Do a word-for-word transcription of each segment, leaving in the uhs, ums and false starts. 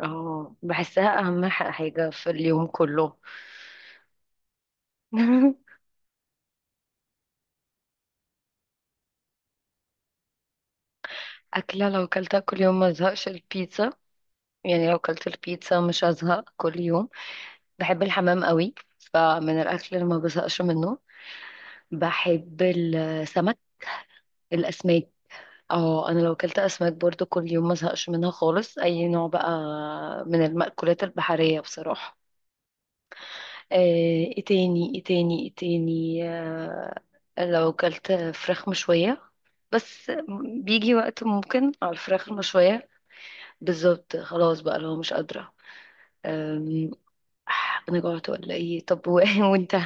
اه بحسها اهم ح- حاجة في اليوم كله. أكلة لو كلتها كل يوم ما زهقش البيتزا، يعني لو كلت البيتزا مش هزهق كل يوم. بحب الحمام قوي، فمن الأكل اللي ما بزهقش منه. بحب السمك، الأسماك. اه أنا لو كلت أسماك برضو كل يوم ما زهقش منها خالص أي نوع بقى، من المأكولات البحرية بصراحة. آه، ايه تاني ايه تاني ايه تاني آه، لو كلت فراخ مشوية بس. بيجي وقت ممكن على الفراخ المشوية، بالظبط، خلاص بقى لو مش قادرة. أم، آه، أنا جوعت ولا إيه؟ طب و- وأنت؟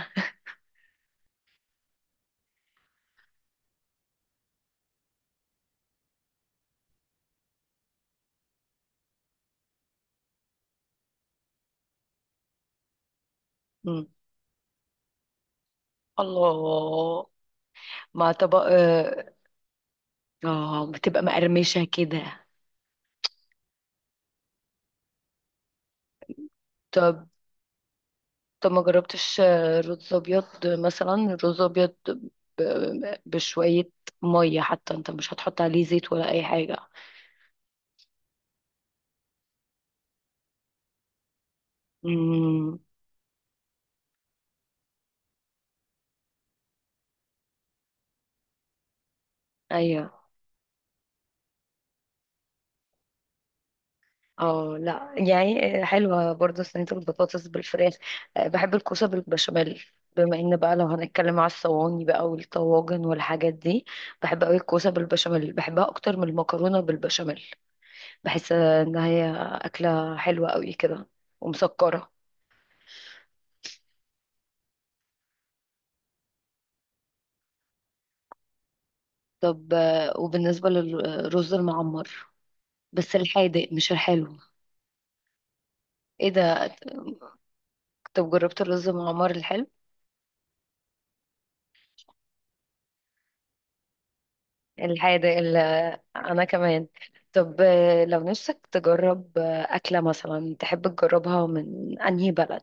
مم. الله. مع طبق آه. آه، بتبقى مقرمشة كده. طب، طب ما جربتش آه، رز أبيض مثلا، رز أبيض ب- بشوية مية، حتى أنت مش هتحط عليه زيت ولا أي حاجة. مم. أيوه. اه لا يعني آه، حلوة برضه صينية البطاطس بالفراخ. آه، بحب الكوسة بالبشاميل. بما ان بقى لو هنتكلم على الصواني بقى والطواجن والحاجات دي، بحب قوي الكوسة بالبشاميل، بحبها اكتر من المكرونة بالبشاميل. بحس ان هي اكلة حلوة قوي كده ومسكرة. طب آه، وبالنسبة للرز المعمر، بس الحادق مش الحلو. ايه ده. طب جربت الرز المعمر الحلو. الحادق ال- انا كمان. طب آه، لو نفسك تجرب آه، اكله مثلا تحب تجربها من انهي بلد.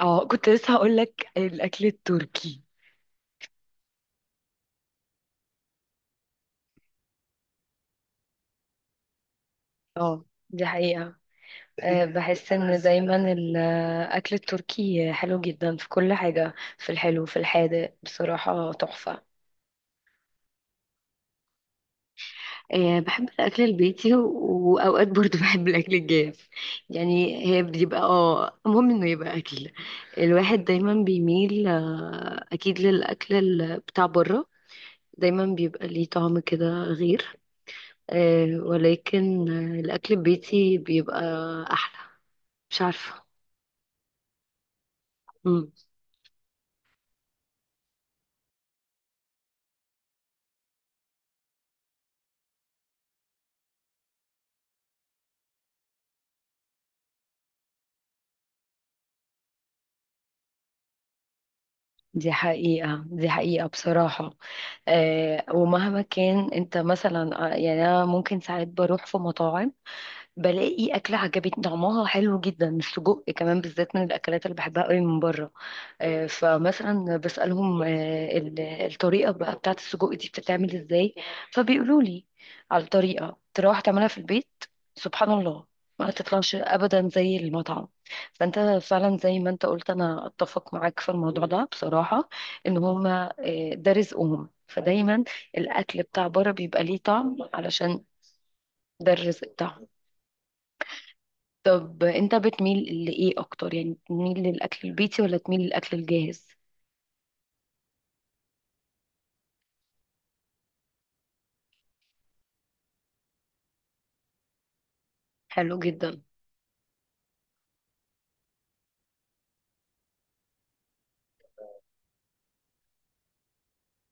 اه كنت لسه هقول لك الاكل التركي. اه دي حقيقه. آه، بحس ان دايما الاكل التركي حلو جدا في كل حاجه، في الحلو في الحادق، بصراحه تحفه. آه، بحب الأكل البيتي و- وأوقات برضو بحب الأكل الجاف. يعني هي بيبقى اه المهم إنه يبقى أكل. الواحد دايما بيميل آه، أكيد للأكل ال- بتاع بره، دايما بيبقى ليه طعم كده غير. آه، ولكن آه، الأكل البيتي بيبقى أحلى، مش عارفة. مم. دي حقيقة، دي حقيقة بصراحة. آه، ومهما كان انت مثلا آه، يعني انا ممكن ساعات بروح في مطاعم بلاقي أكلة عجبتني طعمها حلو جدا. السجق كمان بالذات من الأكلات اللي بحبها قوي من بره. آه، فمثلا بسألهم آه، ال- الطريقة بقى بتاعة السجق دي بتتعمل ازاي، فبيقولوا لي على الطريقة. تروح تعملها في البيت، سبحان الله، ما تطلعش أبدا زي المطعم. فأنت فعلا زي ما أنت قلت، أنا أتفق معاك في الموضوع ده بصراحة. إن هما آه، ده رزقهم، فدايما الأكل بتاع بره بيبقى ليه طعم علشان ده الرزق بتاعهم. طب انت بتميل لايه اكتر؟ يعني تميل للاكل البيتي ولا تميل للاكل الجاهز؟ حلو جدا.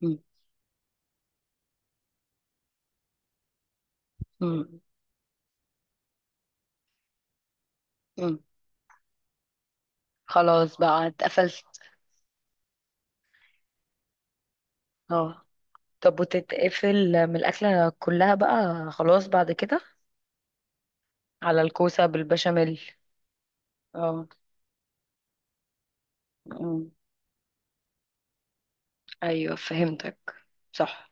مم. مم. مم. خلاص بقى اتقفلت. اه. طب وتتقفل من الاكله كلها بقى خلاص بعد كده؟ على الكوسه بالبشاميل. اه. مم. ايوه فهمتك. صح.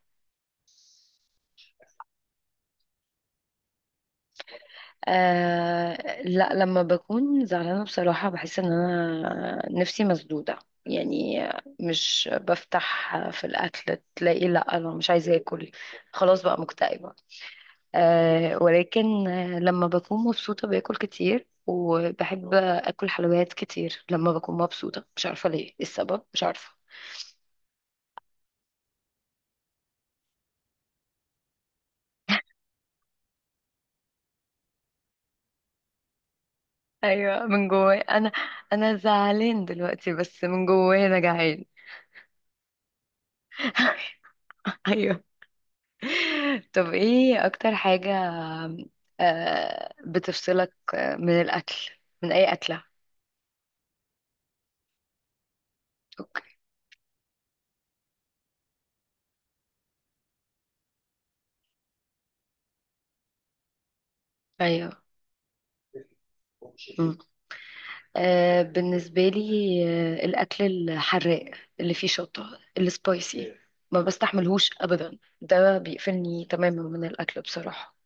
آه لا، لما بكون زعلانة بصراحة بحس ان انا نفسي مسدودة يعني، مش بفتح في الاكل، تلاقي لا انا مش عايزة اكل، خلاص بقى مكتئبة. آه، ولكن آه، لما بكون مبسوطة باكل كتير وبحب اكل حلويات كتير لما بكون مبسوطة، مش عارفة ليه إيه السبب، مش عارفة. ايوه من جوايا انا، انا زعلان دلوقتي بس من جوايا انا جعان. ايوه. طب ايه اكتر حاجة آه، بتفصلك آه، من الاكل، من اي اكلة؟ اوكي. ايوه. مم. آه، بالنسبة لي آه، الاكل الحراق اللي فيه شطة السبايسي ما بستحملهوش ابدا، ده بيقفلني تماما من الاكل بصراحة.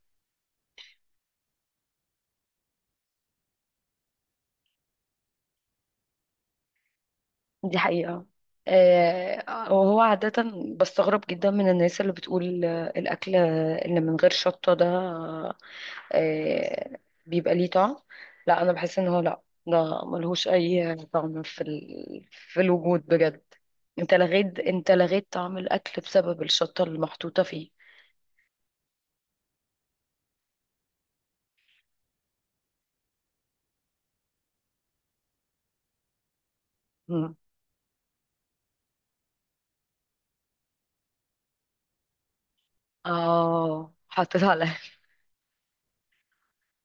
دي حقيقة. آه، وهو عادة بستغرب جدا من الناس اللي بتقول آه، الأكل اللي من غير شطة ده آه، بيبقى ليه طعم. لا انا بحس ان هو لا، ده ملهوش اي طعم في ال... في الوجود بجد. انت لغيت، انت لغيت طعم الاكل بسبب الشطه اللي محطوطه فيه. مم. اه حطيت على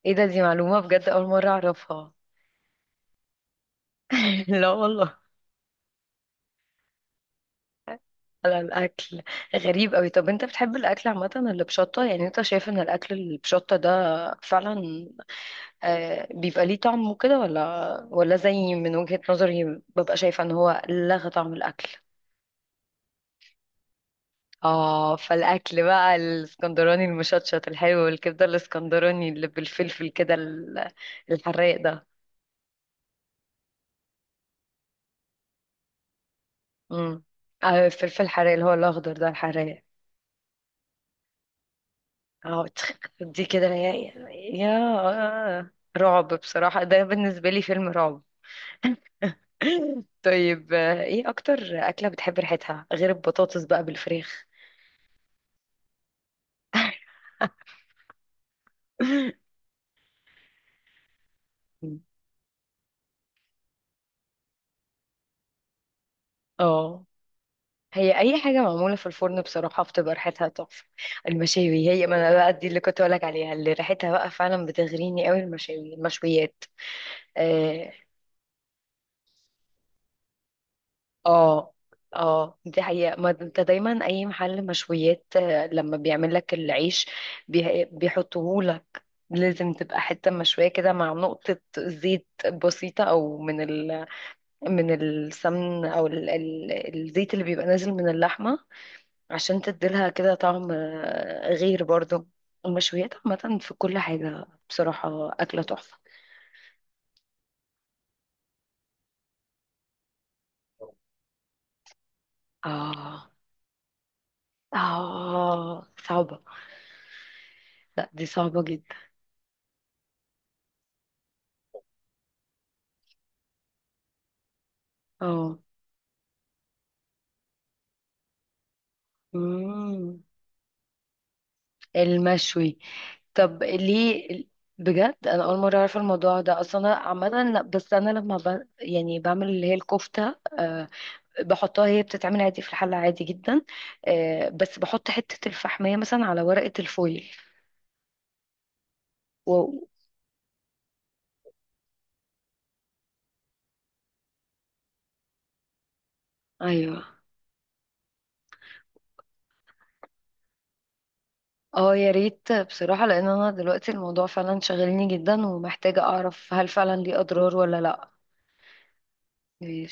ايه ده، دي معلومه بجد اول مره اعرفها. لا والله. على الاكل. غريب قوي. طب انت بتحب الاكل عامه اللي بشطه؟ يعني انت شايف ان الاكل اللي بشطه ده فعلا آه، بيبقى ليه طعم وكده، ولا ولا زي من وجهة نظري ببقى شايفة ان هو لغى طعم الاكل؟ اه فالاكل بقى الاسكندراني المشطشط الحلو، والكبده الاسكندراني اللي بالفلفل كده ال- الحراق ده. امم. آه، الفلفل الحراق اللي هو الاخضر ده الحراق. اه تخ- دي كده يا يا. آه، رعب بصراحة، ده بالنسبة لي فيلم رعب. طيب آه، ايه اكتر اكلة بتحب ريحتها غير البطاطس بقى بالفراخ؟ اه. هي اي حاجه معموله في الفرن بصراحه بتبقى ريحتها تحفه. المشاوي هي، ما انا بقى دي اللي كنت اقولك عليها اللي ريحتها بقى فعلا بتغريني قوي، المشاوي المشويات. اه. اه. آه، دي حقيقة، ما انت دايما اي محل مشويات آه، لما بيعمل لك العيش بي- بيحطهولك، لازم تبقى حتة مشوية كده مع نقطة زيت بسيطة، او من ال... من السمن او ال... ال- الزيت اللي بيبقى نازل من اللحمة، عشان تديلها كده طعم آه، غير برضو. المشويات عامة في كل حاجة بصراحة أكلة تحفة. اه. اه صعبة. لا دي صعبة جدا. اه. مم. المشوي. طب ليه؟ بجد انا اول مره اعرف الموضوع ده اصلا. انا عامه لا، بس انا لما ب... يعني بعمل اللي هي الكفته أه، بحطها هي بتتعمل عادي في الحله عادي جدا. أه بس بحط حته الفحميه مثلا على ورقه الفويل. و... ايوه. اه يا ريت بصراحة، لان انا دلوقتي الموضوع فعلا شاغلني جدا ومحتاجة اعرف هل فعلا ليه اضرار ولا لا.